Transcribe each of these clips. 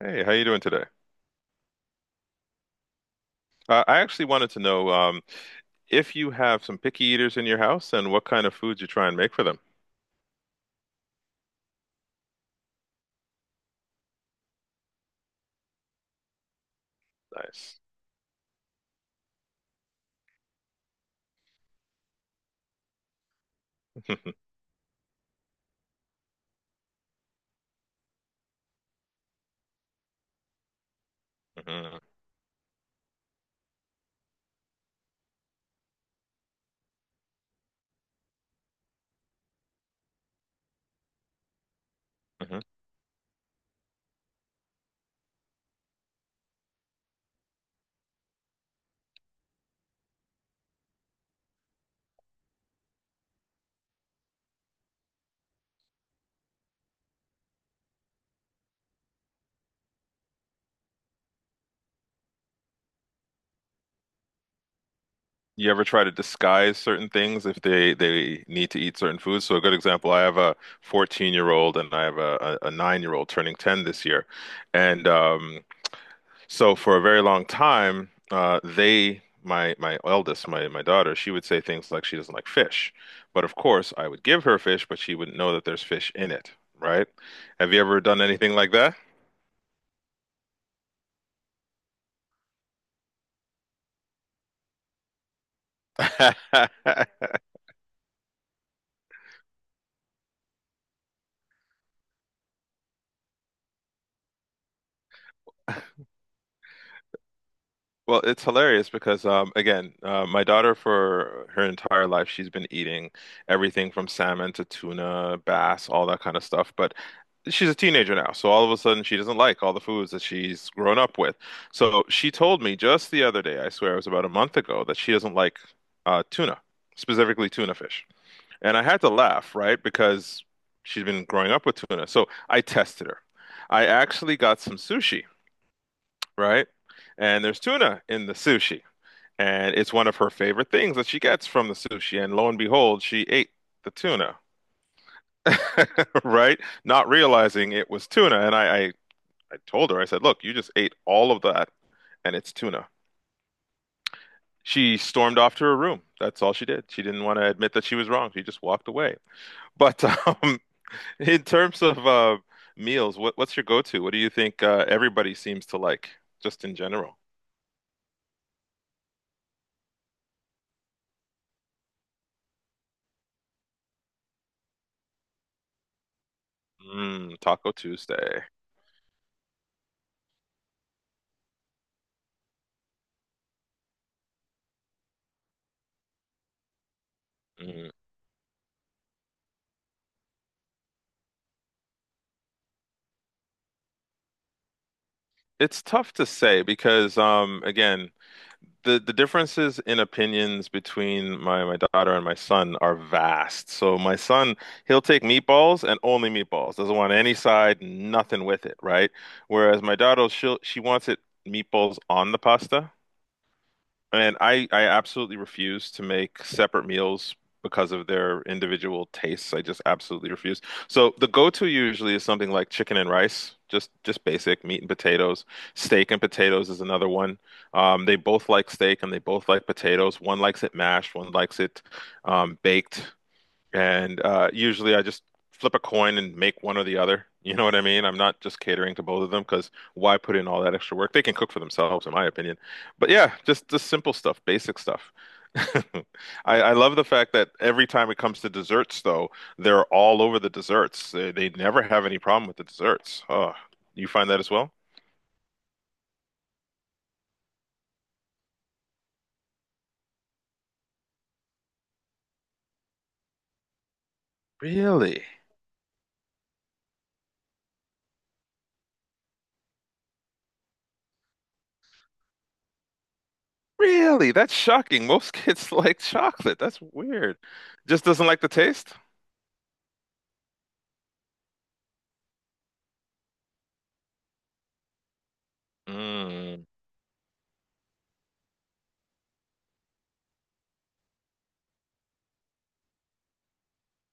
Hey, how you doing today? I actually wanted to know if you have some picky eaters in your house and what kind of foods you try and make for them. Nice. Mhm. You ever try to disguise certain things if they need to eat certain foods? So a good example, I have a 14-year-old and I have a, a, 9 year old turning 10 this year, and so for a very long time, my eldest, my daughter, she would say things like she doesn't like fish, but of course I would give her fish, but she wouldn't know that there's fish in it, right? Have you ever done anything like that? Well, it's hilarious because again, my daughter for her entire life she's been eating everything from salmon to tuna, bass, all that kind of stuff. But she's a teenager now, so all of a sudden she doesn't like all the foods that she's grown up with. So she told me just the other day, I swear it was about a month ago, that she doesn't like tuna, specifically tuna fish. And I had to laugh, right? Because she's been growing up with tuna. So I tested her. I actually got some sushi, right? And there's tuna in the sushi. And it's one of her favorite things that she gets from the sushi. And lo and behold, she ate the tuna, right? Not realizing it was tuna. And I told her, I said, look, you just ate all of that and it's tuna. She stormed off to her room. That's all she did. She didn't want to admit that she was wrong. She just walked away. But in terms of meals, what's your go-to? What do you think everybody seems to like, just in general? Mm, Taco Tuesday. Mm. It's tough to say because, again, the differences in opinions between my daughter and my son are vast. So my son, he'll take meatballs and only meatballs. Doesn't want any side, nothing with it, right? Whereas my daughter, she wants it meatballs on the pasta. And I absolutely refuse to make separate meals because of their individual tastes. I just absolutely refuse. So the go-to usually is something like chicken and rice, just basic meat and potatoes. Steak and potatoes is another one. They both like steak and they both like potatoes. One likes it mashed, one likes it baked. And usually I just flip a coin and make one or the other. You know what I mean? I'm not just catering to both of them because why put in all that extra work? They can cook for themselves, in my opinion. But yeah, just the simple stuff, basic stuff. I, I love the fact that every time it comes to desserts, though, they're all over the desserts. They never have any problem with the desserts. Oh, you find that as well? Really? Really? That's shocking. Most kids like chocolate. That's weird. Just doesn't like the taste? Mm.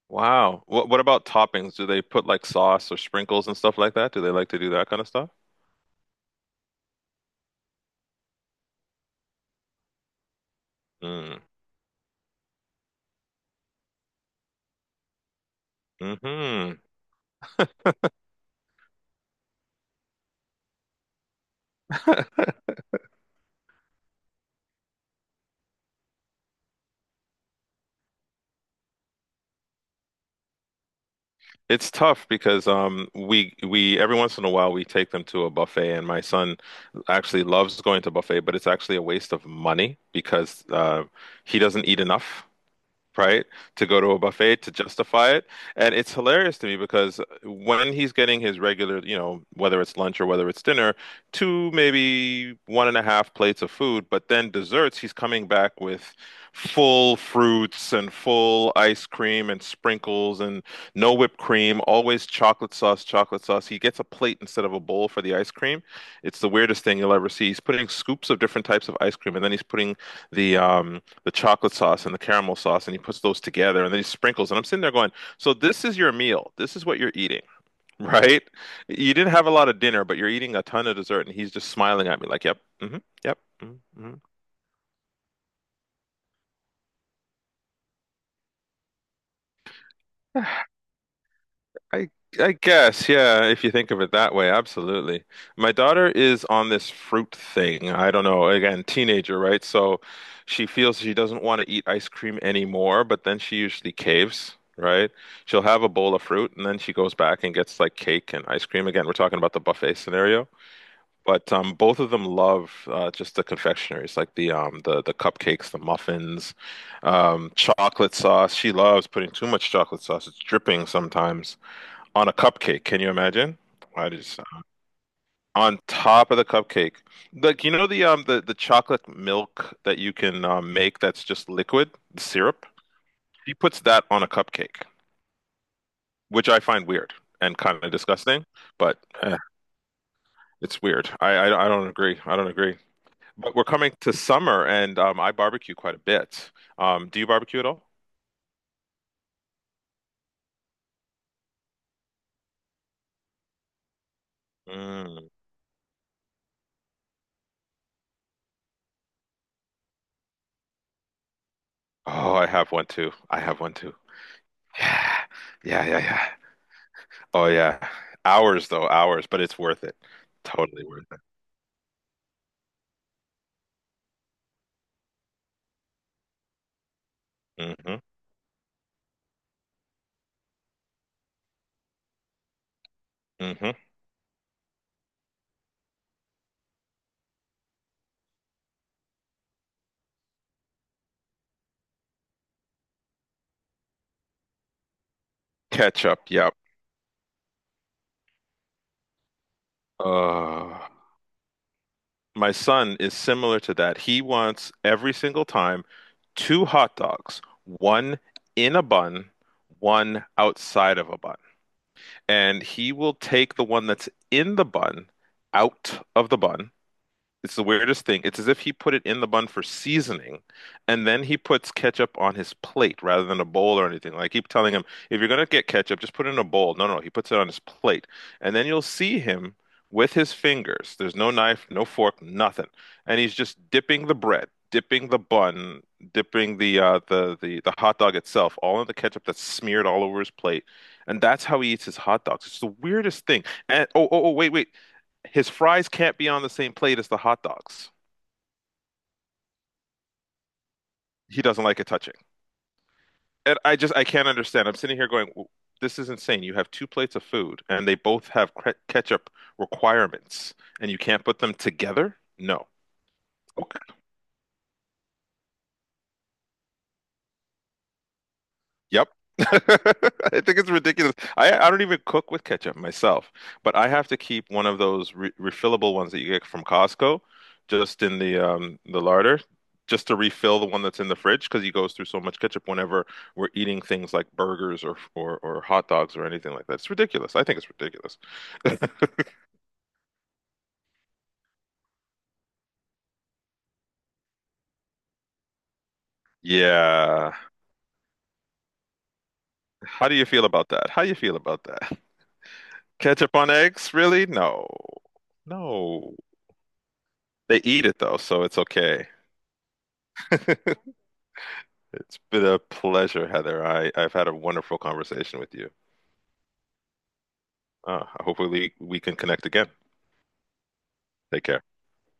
Wow. What about toppings? Do they put like sauce or sprinkles and stuff like that? Do they like to do that kind of stuff? Mm. Hmm. It's tough because we every once in a while we take them to a buffet and my son actually loves going to buffet, but it's actually a waste of money because he doesn't eat enough, right? To go to a buffet to justify it. And it's hilarious to me because when he's getting his regular, you know, whether it's lunch or whether it's dinner, two, maybe one and a half plates of food, but then desserts, he's coming back with full fruits and full ice cream and sprinkles and no whipped cream, always chocolate sauce, chocolate sauce. He gets a plate instead of a bowl for the ice cream. It's the weirdest thing you'll ever see. He's putting scoops of different types of ice cream and then he's putting the um the chocolate sauce and the caramel sauce, and he puts those together and then he sprinkles. And I'm sitting there going, so this is your meal. This is what you're eating, right? You didn't have a lot of dinner, but you're eating a ton of dessert, and he's just smiling at me like, yep, hmm yep, mm-hmm. Mm-hmm. I I guess, yeah, if you think of it that way, absolutely. My daughter is on this fruit thing. I don't know, again, teenager, right? So she feels she doesn't want to eat ice cream anymore, but then she usually caves, right? She'll have a bowl of fruit and then she goes back and gets like cake and ice cream. Again, we're talking about the buffet scenario. But both of them love just the confectioneries, like the cupcakes, the muffins, chocolate sauce. She loves putting too much chocolate sauce. It's dripping sometimes on a cupcake. Can you imagine? I just On top of the cupcake. Like you know the chocolate milk that you can make that's just liquid, the syrup. He puts that on a cupcake, which I find weird and kind of disgusting, but eh, it's weird. I I don't agree. I don't agree. But we're coming to summer and I barbecue quite a bit. Um, do you barbecue at all? Mm. Oh, I have one too. I have one too. Yeah. Yeah, yeah, yeah. Oh yeah. Hours though, hours, but it's worth it. Totally worth it. Hmm. Hmm. Ketchup, yep. Uh, my son is similar to that. He wants every single time two hot dogs, one in a bun, one outside of a bun. And he will take the one that's in the bun out of the bun. It's the weirdest thing. It's as if he put it in the bun for seasoning, and then he puts ketchup on his plate rather than a bowl or anything. Like I keep telling him, if you're gonna get ketchup, just put it in a bowl. No, no, he puts it on his plate, and then you'll see him with his fingers. There's no knife, no fork, nothing, and he's just dipping the bread, dipping the bun, dipping the the the hot dog itself, all in the ketchup that's smeared all over his plate, and that's how he eats his hot dogs. It's the weirdest thing. And oh, wait, wait, his fries can't be on the same plate as the hot dogs. He doesn't like it touching. And I just I can't understand. I'm sitting here going, this is insane. You have two plates of food and they both have ketchup requirements and you can't put them together? No. Okay. Yep. I think it's ridiculous. I don't even cook with ketchup myself, but I have to keep one of those re refillable ones that you get from Costco just in the larder just to refill the one that's in the fridge because he goes through so much ketchup whenever we're eating things like burgers or or hot dogs or anything like that. It's ridiculous. I think it's ridiculous. Yeah. How do you feel about that? How do you feel about that? Ketchup on eggs? Really? No. No. They eat it though, so it's okay. It's been a pleasure, Heather. I've had a wonderful conversation with you. Hopefully, we can connect again. Take care.